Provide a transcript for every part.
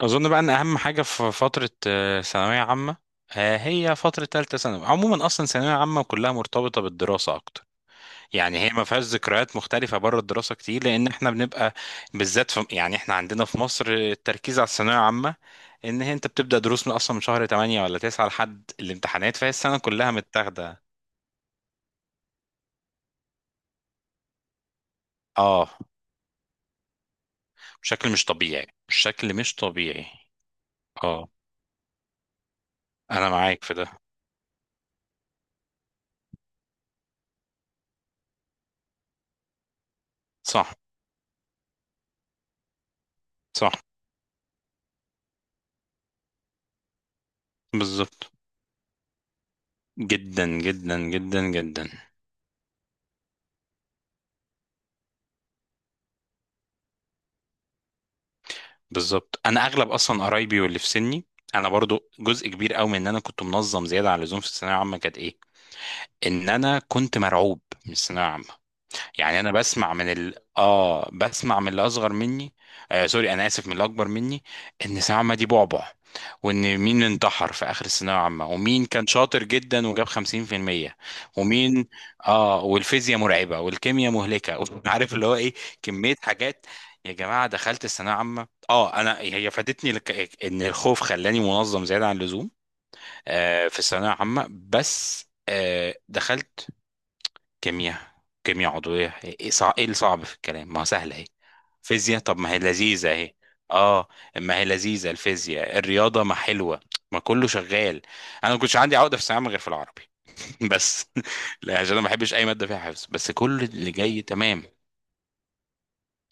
اظن بقى ان اهم حاجه في فتره ثانويه عامه، هي فتره ثالثه ثانوي. عموما اصلا ثانويه عامه كلها مرتبطه بالدراسه اكتر، يعني هي ما فيهاش ذكريات مختلفه بره الدراسه كتير، لان احنا بنبقى بالذات في، يعني احنا عندنا في مصر التركيز على الثانويه العامه، ان هي انت بتبدا دروس من اصلا من شهر 8 ولا 9 لحد الامتحانات، فهي السنه كلها متاخده. اه، بشكل مش طبيعي، بشكل مش طبيعي. اه، انا معاك في ده. صح، صح، بالظبط. جدا جدا جدا جدا. بالظبط، انا اغلب اصلا قرايبي واللي في سني، انا برضو جزء كبير قوي من ان انا كنت منظم زياده عن اللزوم في الثانويه العامه كانت ان انا كنت مرعوب من الثانويه العامه. يعني انا بسمع من اللي اصغر مني، سوري، انا اسف، من اللي اكبر مني، ان سلامة دي بعبع، وان مين انتحر في اخر الثانويه العامه، ومين كان شاطر جدا وجاب 50%، ومين اه والفيزياء مرعبه والكيمياء مهلكه عارف اللي هو ايه. كميه حاجات يا جماعه، دخلت الثانويه العامه، انا هي ان الخوف خلاني منظم زياده عن اللزوم، في الثانويه العامه بس. دخلت كيمياء كيمياء عضوية، إيه الصعب في الكلام؟ ما هو سهل اهي. فيزياء، طب ما هي لذيذة اهي. اه، ما هي لذيذة الفيزياء، الرياضة ما حلوة، ما كله شغال. انا ما كنتش عندي عقدة في الثانوية عامة غير في العربي بس. لا، عشان انا ما بحبش اي مادة فيها حفظ، بس كل اللي جاي تمام.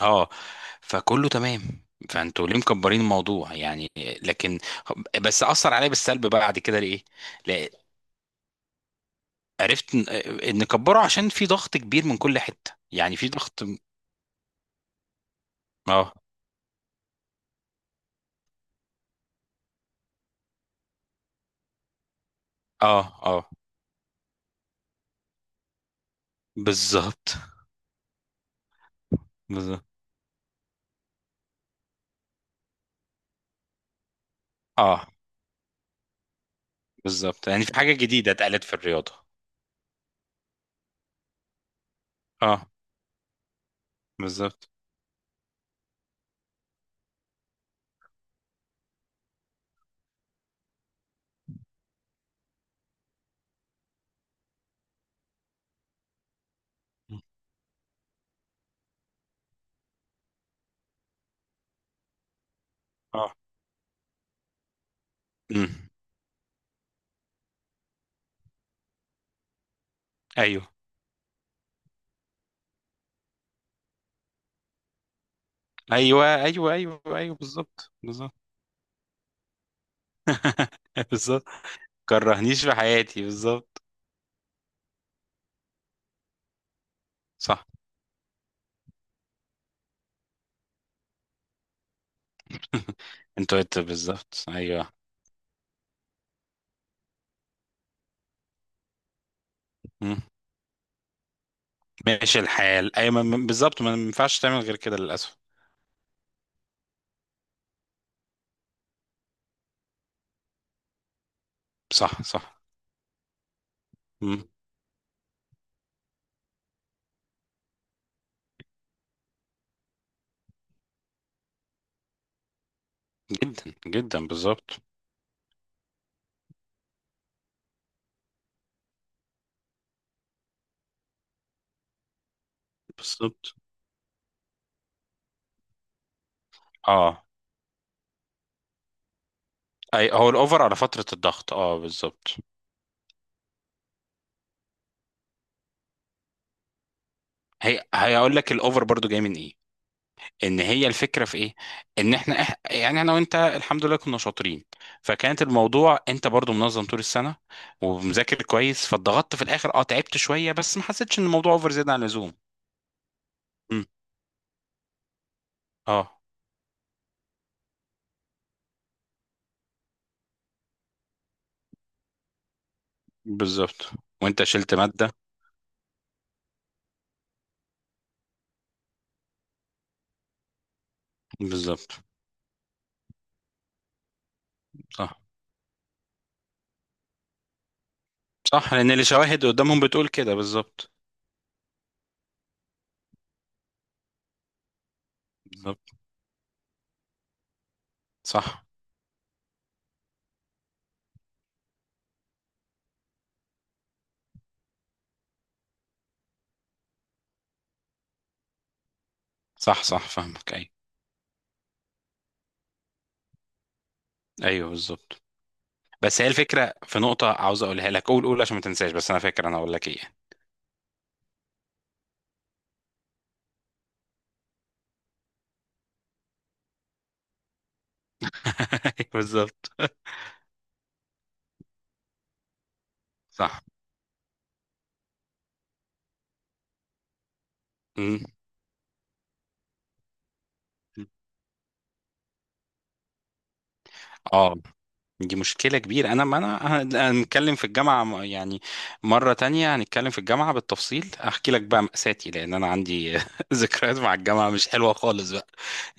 اه، فكله تمام، فانتوا ليه مكبرين الموضوع يعني؟ لكن، بس اثر عليا بالسلب بقى بعد كده، ليه؟ لا، عرفت ان إن كبره عشان في ضغط كبير من كل حتة، يعني في ضغط. اه، اه، اه، بالظبط، بالظبط، اه، بالظبط، يعني في حاجة جديدة اتقالت في الرياضة. اه، بالظبط، اه، امم ايوه، ايوه، ايوه، ايوه، ايوه، بالظبط، بالظبط. بالظبط، كرهنيش في حياتي، بالظبط. صح، انت قلت بالظبط، ايوه. مم. ماشي الحال، ايوه، بالظبط، ما ينفعش تعمل غير كده للاسف. صح، صح. مم. جدا جدا، بالظبط. بالظبط، اه، اي هو الاوفر على فترة الضغط، اه، بالظبط. هي هيقول لك الاوفر برضو جاي من ايه؟ ان هي الفكره في ايه؟ ان احنا يعني انا وانت الحمد لله كنا شاطرين، فكانت الموضوع انت برضو منظم طول السنه ومذاكر كويس، فاتضغطت في الاخر، تعبت شويه، بس ما حسيتش ان الموضوع اوفر زياده عن اللزوم. مم. اه، بالظبط، وانت شلت ماده، بالظبط. صح، صح، لان الشواهد قدامهم بتقول كده، بالظبط. بالظبط، صح، صح، صح، فاهمك، ايوه، ايوه، بالظبط. بس هي الفكره في نقطه عاوز اقولها لك، قول قول عشان ما تنساش، بس انا فاكر انا اقول لك ايه. بالظبط، صح. مم. اه، دي مشكلة كبيرة، انا ما انا هنتكلم في الجامعة، يعني مرة تانية هنتكلم في الجامعة بالتفصيل، احكي لك بقى مأساتي، لان انا عندي ذكريات مع الجامعة مش حلوة خالص بقى.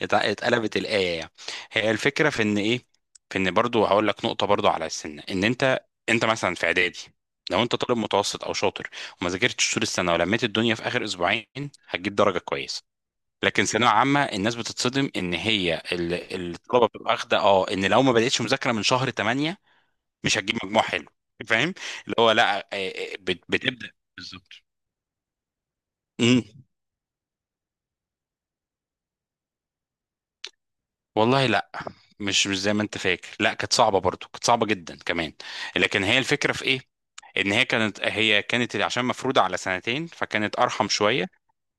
اتقلبت الآية يعني. هي الفكرة في ان ايه؟ في ان برضو هقول لك نقطة برضو على السن، ان انت مثلا في اعدادي، لو انت طالب متوسط او شاطر وما ذاكرتش طول السنة ولميت الدنيا في اخر اسبوعين، هتجيب درجة كويسة. لكن ثانويه عامه الناس بتتصدم ان هي الطلبه بتبقى واخده، ان لو ما بداتش مذاكره من شهر 8 مش هتجيب مجموع حلو، فاهم؟ اللي هو لا، بتبدا، بالظبط، امم والله لا، مش زي ما انت فاكر، لا، كانت صعبه برضو، كانت صعبه جدا كمان. لكن هي الفكره في ايه؟ ان هي كانت عشان مفروضه على سنتين، فكانت ارحم شويه.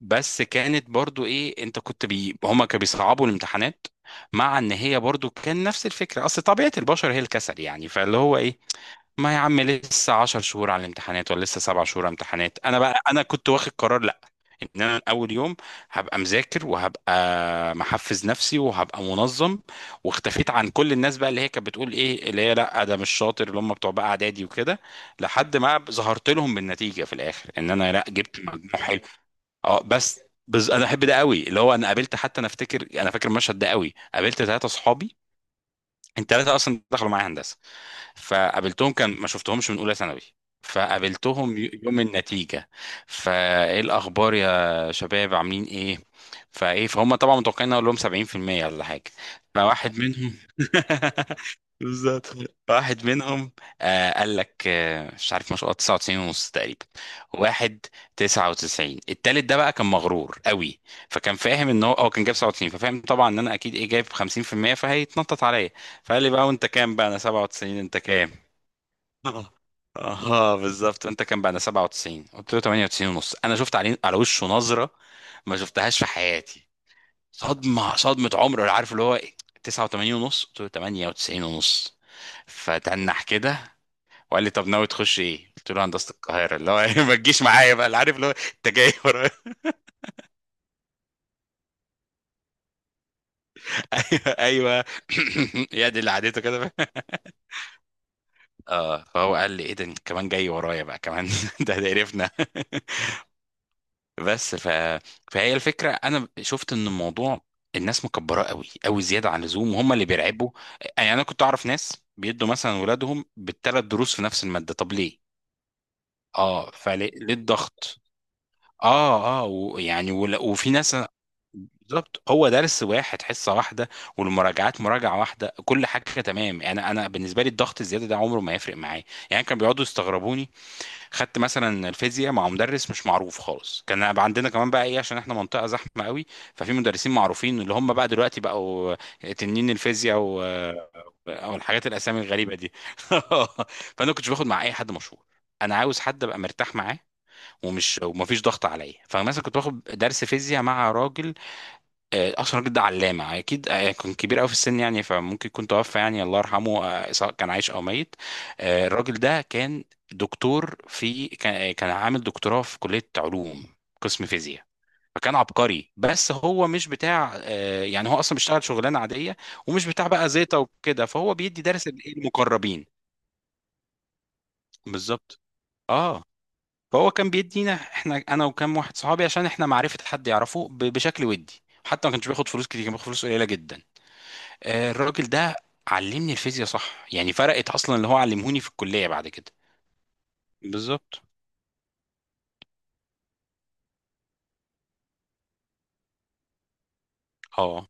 بس كانت برضو ايه، هما كانوا بيصعبوا الامتحانات، مع ان هي برضو كان نفس الفكره، اصل طبيعه البشر هي الكسل، يعني فاللي هو ايه، ما يا عم لسه 10 شهور على الامتحانات، ولا لسه 7 شهور على الامتحانات، انا بقى انا كنت واخد قرار لا، ان انا من اول يوم هبقى مذاكر وهبقى محفز نفسي وهبقى منظم، واختفيت عن كل الناس بقى اللي هي كانت بتقول ايه، اللي هي لا ده مش شاطر، اللي هم بتوع بقى اعدادي وكده، لحد ما ظهرت لهم بالنتيجه في الاخر ان انا لا جبت مجموع حلو. اه، بس. بس انا احب ده قوي، اللي هو انا قابلت، حتى انا افتكر، انا فاكر المشهد ده قوي، قابلت ثلاثه صحابي، الثلاثه اصلا دخلوا معايا هندسه. فقابلتهم، كان ما شفتهمش من اولى ثانوي، فقابلتهم يوم النتيجة. فايه الاخبار يا شباب، عاملين ايه؟ فهم طبعا متوقعين اقول لهم 70% ولا حاجة. فواحد منهم بالظبط، واحد منهم قال لك، مش عارف، ما شاء الله، 99 ونص تقريبا. واحد 99، التالت ده بقى كان مغرور قوي، فكان فاهم ان هو كان جايب 97، ففاهم طبعا ان انا اكيد جايب 50%، فهيتنطط عليا، فقال لي بقى: وانت كام بقى؟ انا 97، انت كام؟ اه، بالظبط، انت كام بقى؟ انا 97، قلت له 98 ونص. انا شفت عليه على وشه نظره ما شفتهاش في حياتي، صدمه صدمه عمر، ولا عارف اللي هو ايه، 89 ونص، قلت له 98 ونص، فتنح كده، وقال لي: طب ناوي تخش ايه؟ قلت له هندسه القاهره، اللي هو ما تجيش معايا بقى، اللي عارف، اللي هو انت جاي ورايا. ايوه، ايوه. يا دي اللي عادته كده. اه، فهو قال لي: ايه ده؟ انت كمان جاي ورايا بقى كمان. ده قرفنا. بس فهي الفكره انا شفت ان الموضوع، الناس مكبراه قوي قوي زياده عن اللزوم، وهم اللي بيرعبوا. يعني انا كنت اعرف ناس بيدوا مثلا ولادهم بالثلاث دروس في نفس الماده، طب ليه؟ اه، فليه ليه الضغط؟ اه، اه، ويعني وفي ناس، بالظبط هو درس واحد، حصه واحده، والمراجعات مراجعه واحده، كل حاجه تمام، يعني انا بالنسبه لي الضغط الزياده ده عمره ما يفرق معايا، يعني كانوا بيقعدوا يستغربوني. خدت مثلا الفيزياء مع مدرس مش معروف خالص، كان بقى عندنا كمان بقى عشان احنا منطقه زحمه قوي، ففي مدرسين معروفين اللي هم بقى دلوقتي بقوا تنين الفيزياء او الحاجات الاسامي الغريبه دي فانا كنتش باخد مع اي حد مشهور، انا عاوز حد ابقى مرتاح معاه، ومفيش ضغط عليا، فمثلا كنت باخد درس فيزياء مع راجل، اصلا الراجل ده علامه اكيد، كان كبير قوي في السن، يعني فممكن يكون توفى يعني، الله يرحمه، سواء كان عايش او ميت، الراجل ده كان دكتور، في كان آه، كان عامل دكتوراه في كليه علوم، قسم فيزياء، فكان عبقري، بس هو مش بتاع يعني هو اصلا بيشتغل شغلانه عاديه، ومش بتاع بقى زيطه وكده، فهو بيدي درس للإيه؟ المقربين. بالظبط، اه، فهو كان بيدينا احنا، انا وكام واحد صحابي، عشان احنا معرفه حد يعرفه بشكل ودي، حتى ما كانش بياخد فلوس كتير، كان بياخد فلوس قليله جدا، الراجل ده علمني الفيزياء صح يعني، فرقت اصلا اللي هو علمهوني في الكليه بعد كده، بالظبط، اه.